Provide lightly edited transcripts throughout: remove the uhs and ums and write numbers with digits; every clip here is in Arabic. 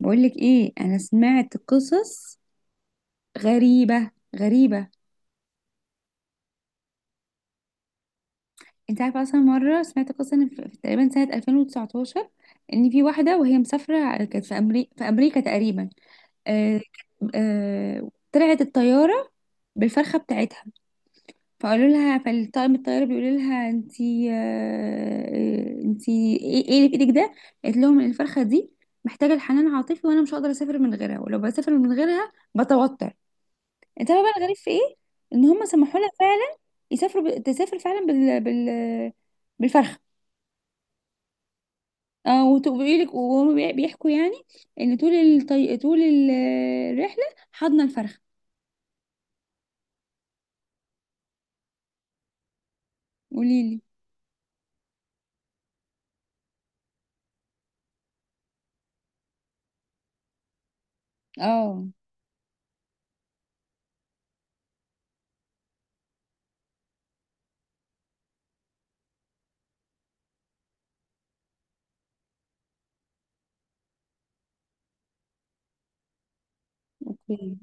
بقولك ايه؟ انا سمعت قصص غريبة غريبة. انت عارفة اصلا مرة سمعت قصة إن في تقريبا سنة 2019 ان في واحدة وهي مسافرة كانت في امريكا تقريبا. آه طلعت الطيارة بالفرخة بتاعتها، فقالوا لها، فالطاقم الطيارة بيقول لها: انتي، انتي ايه اللي في ايدك ده؟ قالت لهم إن الفرخة دي محتاجة الحنان عاطفي، وانا مش هقدر اسافر من غيرها، ولو بسافر من غيرها بتوتر. انت عارفه بقى الغريب في ايه؟ ان هم سمحوا لها فعلا تسافر فعلا بالفرخه. اه، وتقولي لك وهم بيحكوا يعني ان طول الطي... طول ال- الرحله حضنا الفرخه. قولي لي. اه. اوكي.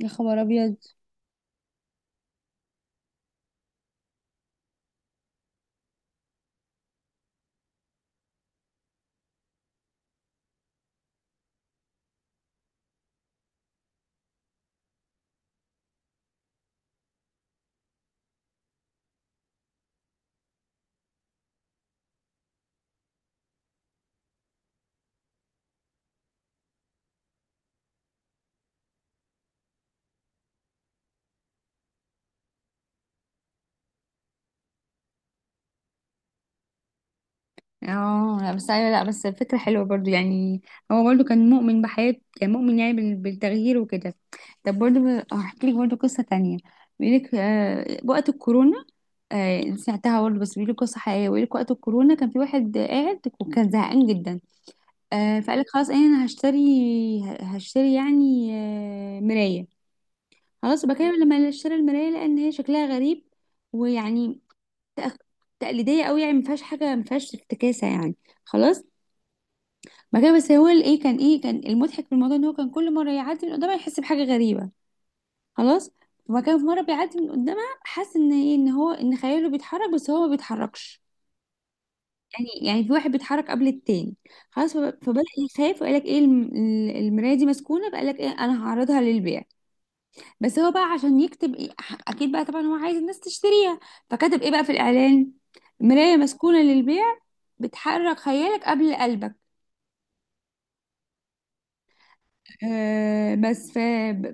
يا خبر ابيض! اه، لا، بس ايوه، لا، بس الفكره حلوه برضو يعني. هو برضو كان مؤمن بحياته، كان مؤمن يعني بالتغيير وكده. طب برضو هحكي لك برضو قصه تانية. بيقول لك وقت الكورونا. آه سمعتها برضه، بس بيقول لك قصه حقيقيه. بيقول لك وقت الكورونا كان في واحد قاعد وكان زهقان جدا. فقال لك: خلاص انا هشتري. هشتري يعني مرايه. خلاص بكلم لما اشتري المرايه لان هي شكلها غريب. ويعني تأخ- تقليديه قوي يعني ما فيهاش حاجه، ما فيهاش افتكاسه يعني. خلاص. ما كان بس هو الايه كان ايه، كان المضحك في الموضوع ان هو كان كل مره يعدي من قدامها يحس بحاجه غريبه. خلاص. وما كان في مره بيعدي من قدامها حاسس ان ايه، ان هو ان خياله بيتحرك بس هو ما بيتحركش. يعني يعني في واحد بيتحرك قبل التاني. خلاص. فبدأ يخاف وقال لك: ايه المراية دي مسكونة. فقال لك ايه: انا هعرضها للبيع. بس هو بقى عشان يكتب إيه اكيد بقى طبعا هو عايز الناس تشتريها. فكتب ايه بقى في الاعلان: مراية مسكونة للبيع، بتحرك خيالك قبل قلبك. آه بس ف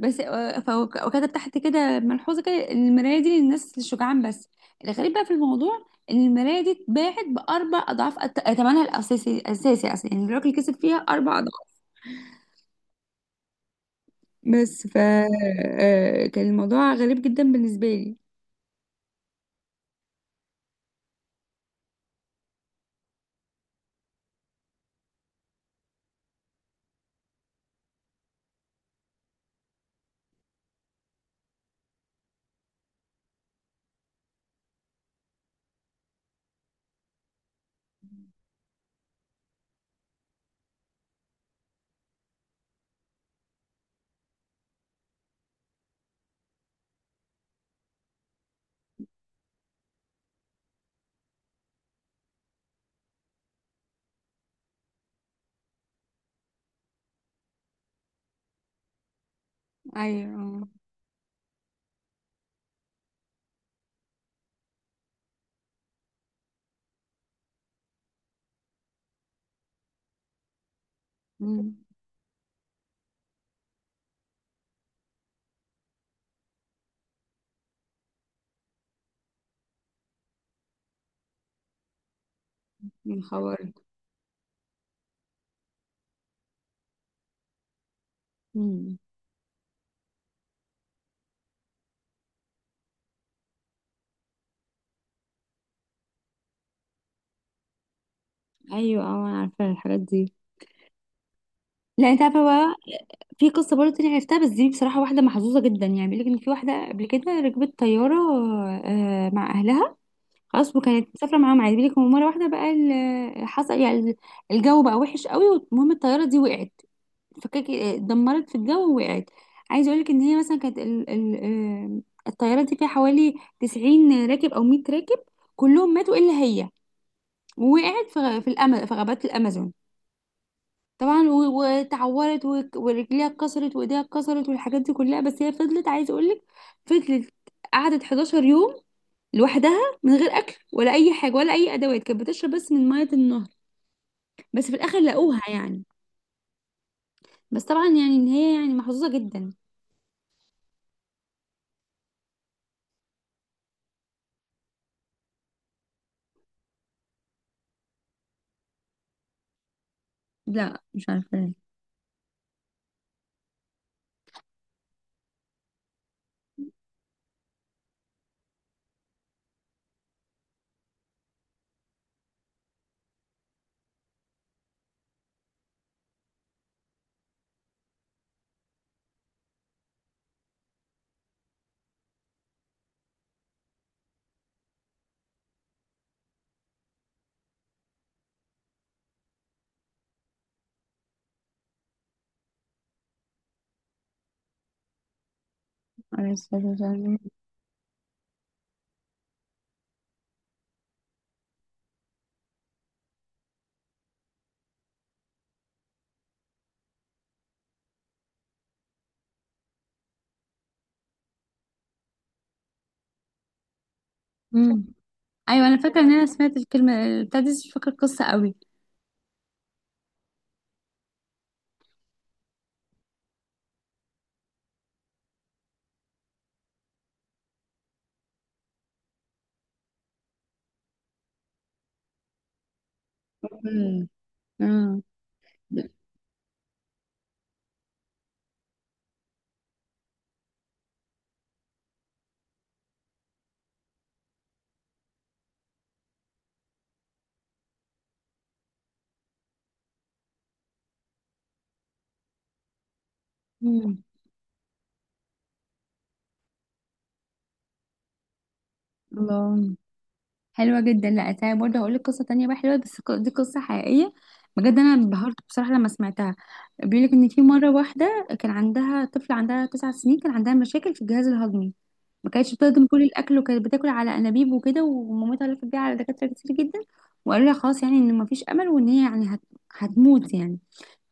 بس فهو وكتب تحت كده ملحوظة كده إن المراية دي للناس الشجعان بس. الغريب بقى في الموضوع ان المرايه دي اتباعت باربع اضعاف ثمنها الاساسي، الاساسي اصلا يعني الراجل كسب فيها اربع. بس ف آه، كان الموضوع غريب جدا بالنسبة لي. ايوه. امم. من خبر. امم. ايوه. اه، انا عارفه الحاجات دي. لا، انت عارفه بقى في قصه برضه تانية عرفتها، بس دي بصراحه واحده محظوظه جدا يعني. بيقول لك ان في واحده قبل كده ركبت طياره مع اهلها. خلاص، وكانت مسافره معاهم عادي. بيقول لك مره واحده بقى حصل يعني الجو بقى وحش قوي، والمهم الطياره دي وقعت، فكك اتدمرت في الجو ووقعت. عايزه اقولك ان هي مثلا كانت ال ال آه، الطياره دي فيها حوالي 90 راكب او 100 راكب، كلهم ماتوا الا هي. ووقعت في في غابات الامازون. طبعا وتعورت ورجليها اتكسرت وايديها اتكسرت والحاجات دي كلها. بس هي فضلت عايزه اقولك، فضلت قعدت 11 يوم لوحدها من غير اكل ولا اي حاجه ولا اي ادوات. كانت بتشرب بس من ميه النهر. بس في الاخر لقوها يعني. بس طبعا يعني ان هي يعني محظوظه جدا. لا مش عارفه. عليه الصلاة والسلام. امم. أيوة، أنا فاكرة إن أنا سمعت الكلمة بتاعت دي بس مش فاكرة القصة قوي. امم. آه. امم. الله. حلوة جدا. لا، أنا برضه هقول لك قصة تانية بقى حلوة، بس دي قصة حقيقية بجد، أنا انبهرت بصراحة لما سمعتها. بيقول لك إن في مرة واحدة كان عندها طفلة عندها تسع سنين، كان عندها مشاكل في الجهاز الهضمي. ما كانتش بتهضم كل الأكل، وكانت بتاكل على أنابيب وكده. ومامتها لفت بيها على دكاترة كتير جدا، وقالوا لها خلاص يعني إن مفيش أمل وإن هي يعني هتموت يعني.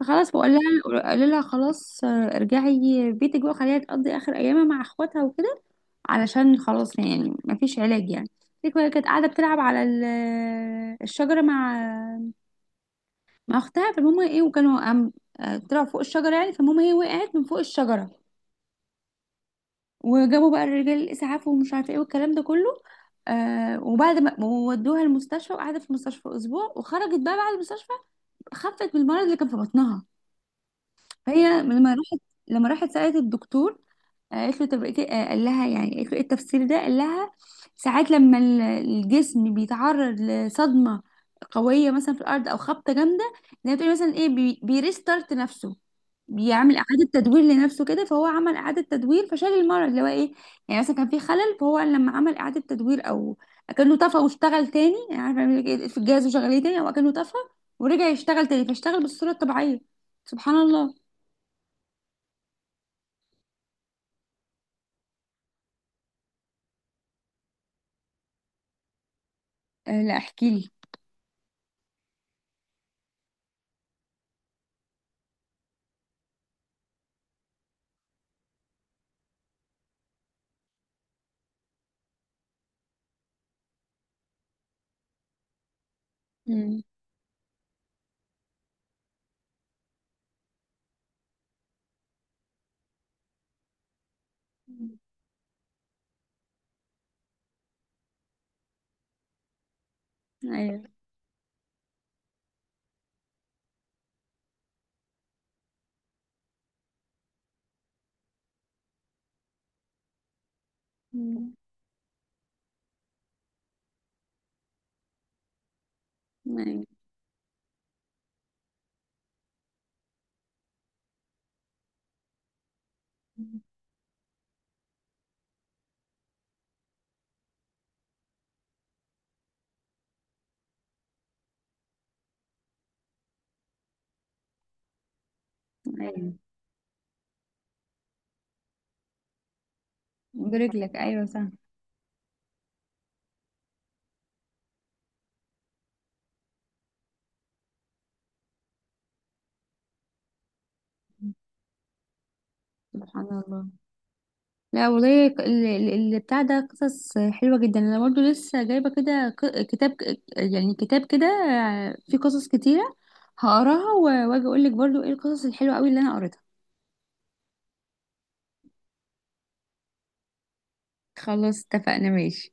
فخلاص بقول لها، قال لها: خلاص ارجعي بيتك بقى، خليها تقضي اخر ايامها مع اخواتها وكده، علشان خلاص يعني مفيش علاج يعني. قالت لك هي كانت قاعده بتلعب على الشجره مع اختها. فالمهم ايه، وكانوا قام طلعوا فوق الشجره يعني. فالمهم هي وقعت من فوق الشجره، وجابوا بقى الرجال الاسعاف ومش عارفه ايه والكلام ده كله. آه، وبعد ما ودوها المستشفى وقعدت في المستشفى اسبوع وخرجت بقى بعد المستشفى، خفت من المرض اللي كان في بطنها. فهي لما راحت سألت الدكتور، قالت له: طب إيه قال لها يعني، قالت له: ايه التفسير ده؟ قال لها: ساعات لما الجسم بيتعرض لصدمة قوية مثلا في الأرض أو خبطة جامدة، زي ما بتقولي مثلا ايه بيريستارت نفسه، بيعمل إعادة تدوير لنفسه كده. فهو عمل إعادة تدوير فشال المرض اللي هو ايه. يعني مثلا كان في خلل، فهو لما عمل إعادة تدوير، أو أكنه طفى واشتغل تاني، يعني عارفة بيعمل إيه في الجهاز وشغليه تاني، أو أكنه طفى ورجع يشتغل تاني، فاشتغل بالصورة الطبيعية. سبحان الله. أه، لا احكي لي. أمم. أيوه. مم. أيوة. أيوة. برجلك أيوة صح. سبحان الله. لا والله، اللي بتاع ده قصص حلوة جدا. أنا برضو لسه جايبة كده كتاب، يعني كتاب كده فيه قصص كتيرة. هقراها وأجي أقولك برضو إيه القصص الحلوة أوي اللي أنا قريتها. خلاص اتفقنا، ماشي.